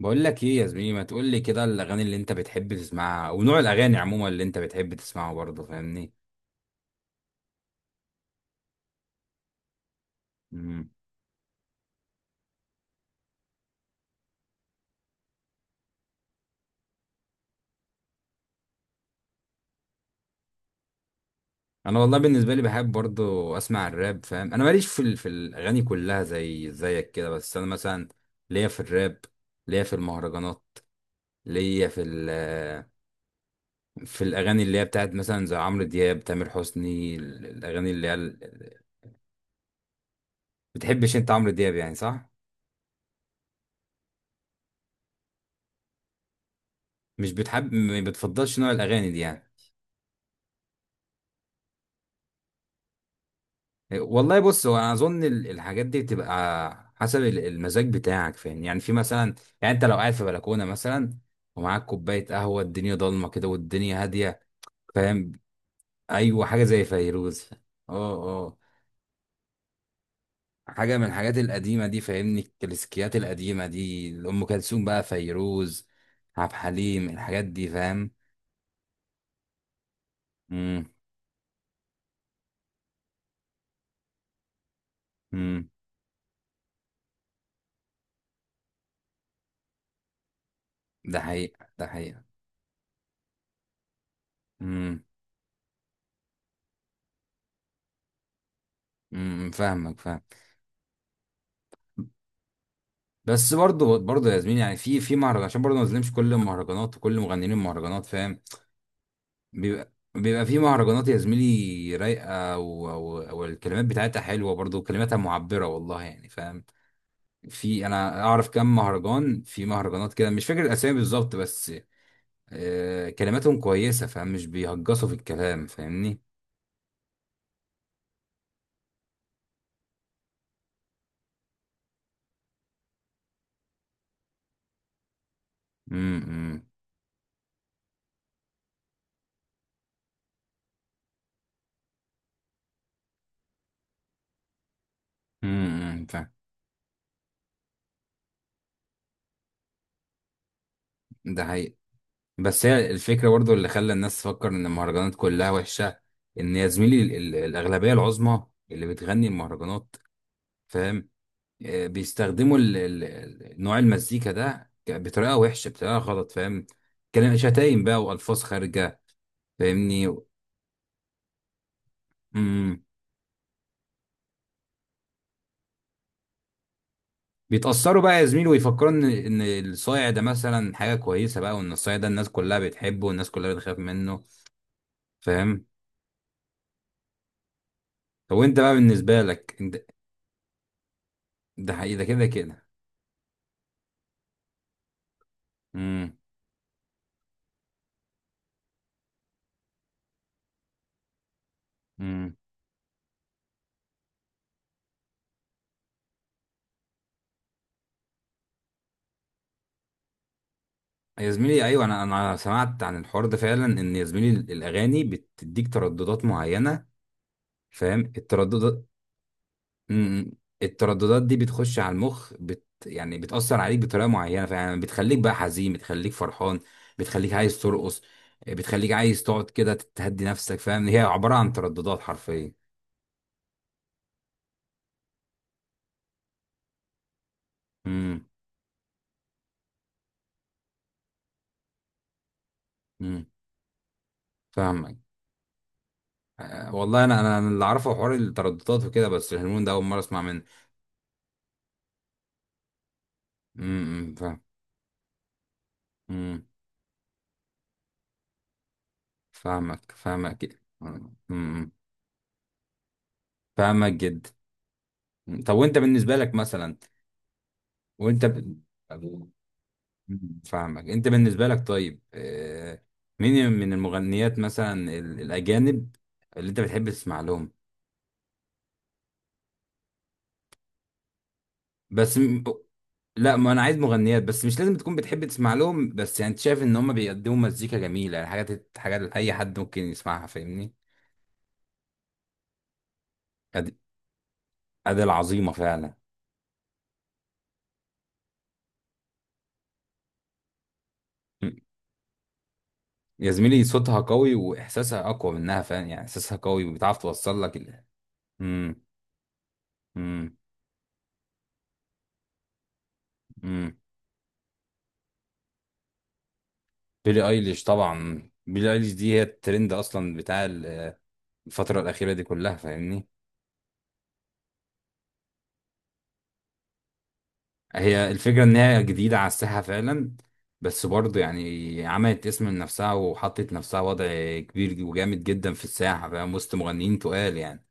بقول لك ايه يا زميلي؟ ما تقول لي كده الاغاني اللي انت بتحب تسمعها ونوع الاغاني عموما اللي انت بتحب تسمعه، برضه فاهمني. امم انا والله بالنسبه لي بحب برضه اسمع الراب، فاهم؟ انا ماليش في الاغاني كلها زي زيك كده، بس انا مثلا ليا في الراب، ليا في المهرجانات، ليا في الاغاني اللي هي بتاعت مثلا زي عمرو دياب، تامر حسني، الاغاني اللي هي بتحبش انت عمرو دياب يعني، صح؟ مش بتحب، ما بتفضلش نوع الاغاني دي يعني. والله بص، هو انا اظن الحاجات دي بتبقى حسب المزاج بتاعك، فاهم؟ يعني في مثلا، يعني انت لو قاعد في بلكونه مثلا، ومعاك كوبايه قهوه، الدنيا ضلمه كده والدنيا هاديه، فاهم؟ ايوه، حاجه زي فيروز. اه. اه، حاجه من الحاجات القديمه دي فاهمني، الكلاسيكيات القديمه دي، ام كلثوم بقى، فيروز، عبد الحليم، الحاجات دي فاهم. امم امم ده حقيقه، ده حقيقه. امم فاهمك فاهم. بس برضه برضه يا زميلي، يعني في مهرجان، عشان برضه ما نظلمش كل المهرجانات وكل مغنيين المهرجانات، فاهم؟ بيبقى في مهرجانات يا زميلي رايقه والكلمات بتاعتها حلوه برضه، وكلماتها معبره، والله يعني فاهم. في، انا اعرف كام مهرجان، في مهرجانات كده مش فاكر الاسامي بالظبط بس آه كلماتهم كويسه فاهم، مش بيهجصوا في الكلام فاهمني. امم امم فاهم. ده حقيقي. بس هي الفكرة برضو اللي خلى الناس تفكر إن المهرجانات كلها وحشة، إن يا زميلي الأغلبية العظمى اللي بتغني المهرجانات، فاهم؟ بيستخدموا نوع المزيكا ده بطريقة وحشة، بطريقة غلط فاهم، كلام شتايم بقى وألفاظ خارجة فاهمني. امم بيتأثروا بقى يا زميلي، ويفكروا إن الصايع ده مثلا حاجة كويسة بقى، وإن الصايع ده الناس كلها بتحبه والناس كلها بتخاف منه، فاهم؟ طب وأنت بقى بالنسبة لك أنت؟ ده حقيقي، ده كده كده. امم امم. يا زميلي، ايوه، انا سمعت عن الحوار ده فعلا، ان يا زميلي الاغاني بتديك ترددات معينه، فاهم الترددات؟ مم. الترددات دي بتخش على المخ، يعني بتاثر عليك بطريقه معينه فعلا، بتخليك بقى حزين، بتخليك فرحان، بتخليك عايز ترقص، بتخليك عايز تقعد كده تهدي نفسك، فاهم؟ هي عباره عن ترددات حرفيا. امم امم فاهمك. آه، والله انا اللي اعرفه حوار الترددات وكده، بس الهرمون ده اول مره اسمع منه. فاهم. مم. فاهمك فاهمك. أمم، فاهمك جدا. طب وانت بالنسبة لك مثلا، وانت ب... أمم، فاهمك، انت بالنسبة لك طيب، مين من المغنيات مثلا، الأجانب، اللي انت بتحب تسمع لهم؟ بس م- لا، ما انا عايز مغنيات بس، مش لازم تكون بتحب تسمع لهم، بس يعني انت شايف ان هم بيقدموا مزيكا جميلة، يعني حاجات اي حد ممكن يسمعها فاهمني. أد- أداة عظيمة فعلا. يا زميلي صوتها قوي واحساسها اقوى منها فاهم، يعني احساسها قوي وبتعرف توصل لك امم امم امم بيلي ايليش، طبعا بيلي ايليش دي هي الترند اصلا بتاع الفتره الاخيره دي كلها فاهمني. هي الفكره ان هي جديده على الساحه فعلا، بس برضه يعني عملت اسم لنفسها وحطت نفسها وضع كبير وجامد جدا في الساحه فاهم، وسط مغنيين تقال يعني.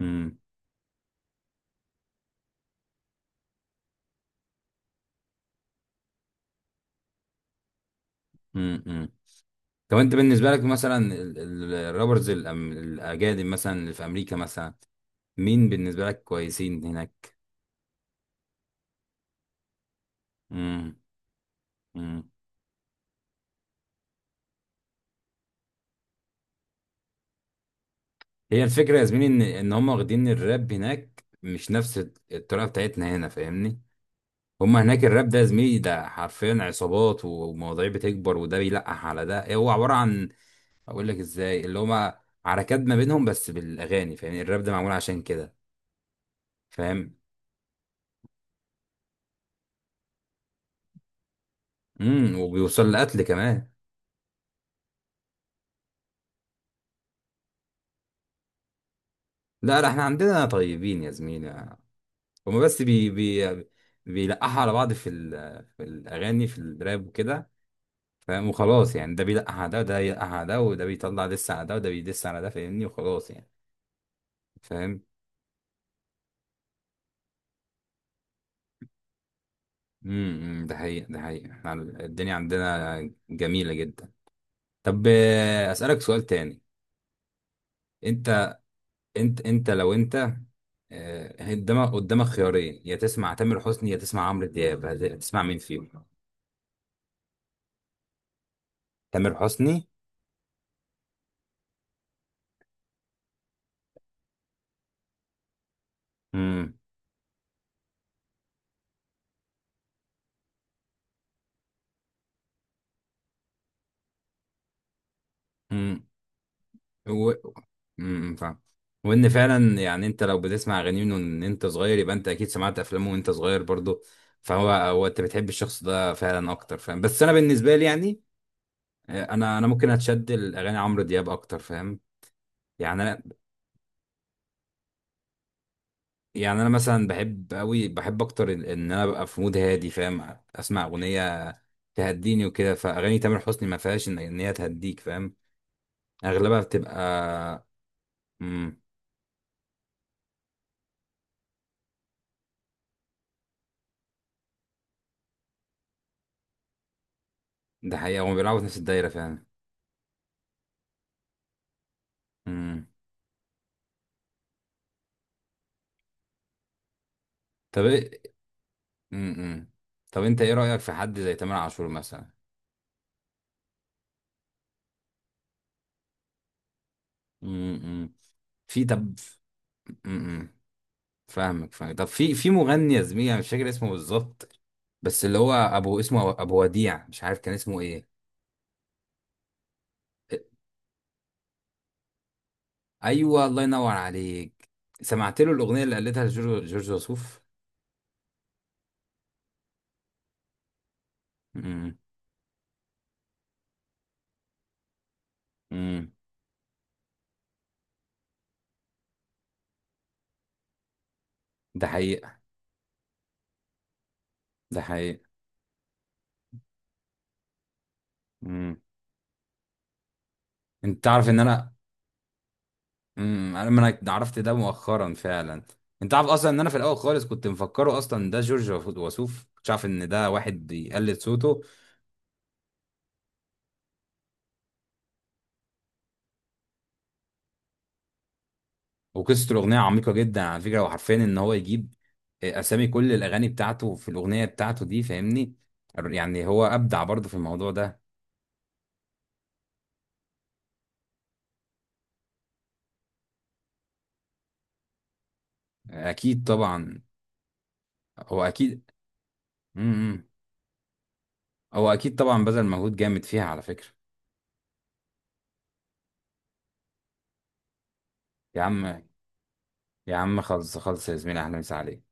امم أمم. طب انت بالنسبه لك مثلا الرابرز الاجانب، مثلا اللي في امريكا مثلا، مين بالنسبة لك كويسين هناك؟ مم. مم. هي الفكرة يا زميلي ان هم واخدين الراب هناك مش نفس الطريقة بتاعتنا هنا فاهمني. هم هناك الراب ده يا زميلي ده حرفيا عصابات، ومواضيع بتكبر، وده بيلقح على ده، هو عبارة عن، اقول لك ازاي، اللي هم عركات ما بينهم بس بالاغاني فاهمني، الراب ده معمول عشان كده فاهم. وبيوصل لقتل كمان. لا لا، احنا عندنا طيبين يا زميلي، هم بس بي بي بيلقحوا على بعض في الاغاني، في الراب وكده فاهم، وخلاص يعني، ده بيلقح على ده وده يلقح على ده، وده بيطلع دس على ده وده بيدس على ده فاهمني، وخلاص يعني فاهم. ده حقيقة ده حقيقة، احنا الدنيا عندنا جميلة جدا. طب، اسألك سؤال تاني. انت انت لو انت، قدامك قدامك خيارين، يا تسمع تامر حسني يا تسمع عمرو دياب، هتسمع مين فيهم؟ تامر حسني. امم امم فاهم. وان فعلا يعني انت لو بتسمع اغاني من ان انت صغير، يبقى انت اكيد سمعت افلامه وانت صغير برضه، فهو هو انت بتحب الشخص ده فعلا اكتر فاهم. بس انا بالنسبه لي يعني، آه، انا ممكن اتشد الاغاني عمرو دياب اكتر فاهم. يعني انا يعني انا مثلا بحب قوي، بحب اكتر إن انا ابقى في مود هادي فاهم، اسمع اغنيه تهديني وكده، فاغاني تامر حسني ما فيهاش إن هي تهديك فاهم، اغلبها بتبقى. امم ده حقيقه، هم بيلعبوا في نفس الدايره فعلا. امم طب إيه- امم طب انت ايه رأيك في حد زي تامر عاشور مثلا؟ امم في طب امم فاهمك فاهمك. طب في مغني يا زميلي انا مش فاكر اسمه بالظبط، بس اللي هو ابو، اسمه ابو وديع، مش عارف كان اسمه ايه. ايوه، الله ينور عليك، سمعت له الاغنيه اللي قالتها لجورج وسوف. امم امم ده حقيقه، ده حقيقه. امم انت تعرف ان انا، انا ما، أنا عرفت ده مؤخرا فعلا. انت عارف اصلا ان انا في الاول خالص كنت مفكره اصلا ده جورج وسوف، كنت عارف ان ده واحد بيقلد صوته. وقصه الاغنيه عميقه جدا على فكره، وحرفيا ان هو يجيب، آه، اسامي كل الاغاني بتاعته في الاغنيه بتاعته دي فاهمني، يعني هو ابدع برضه في الموضوع ده. اكيد طبعا، هو اكيد، امم امم، هو اكيد طبعا بذل مجهود جامد فيها على فكره. يا عم، يا عم خلص خلص يا زميلي، اهلا وسهلا عليك.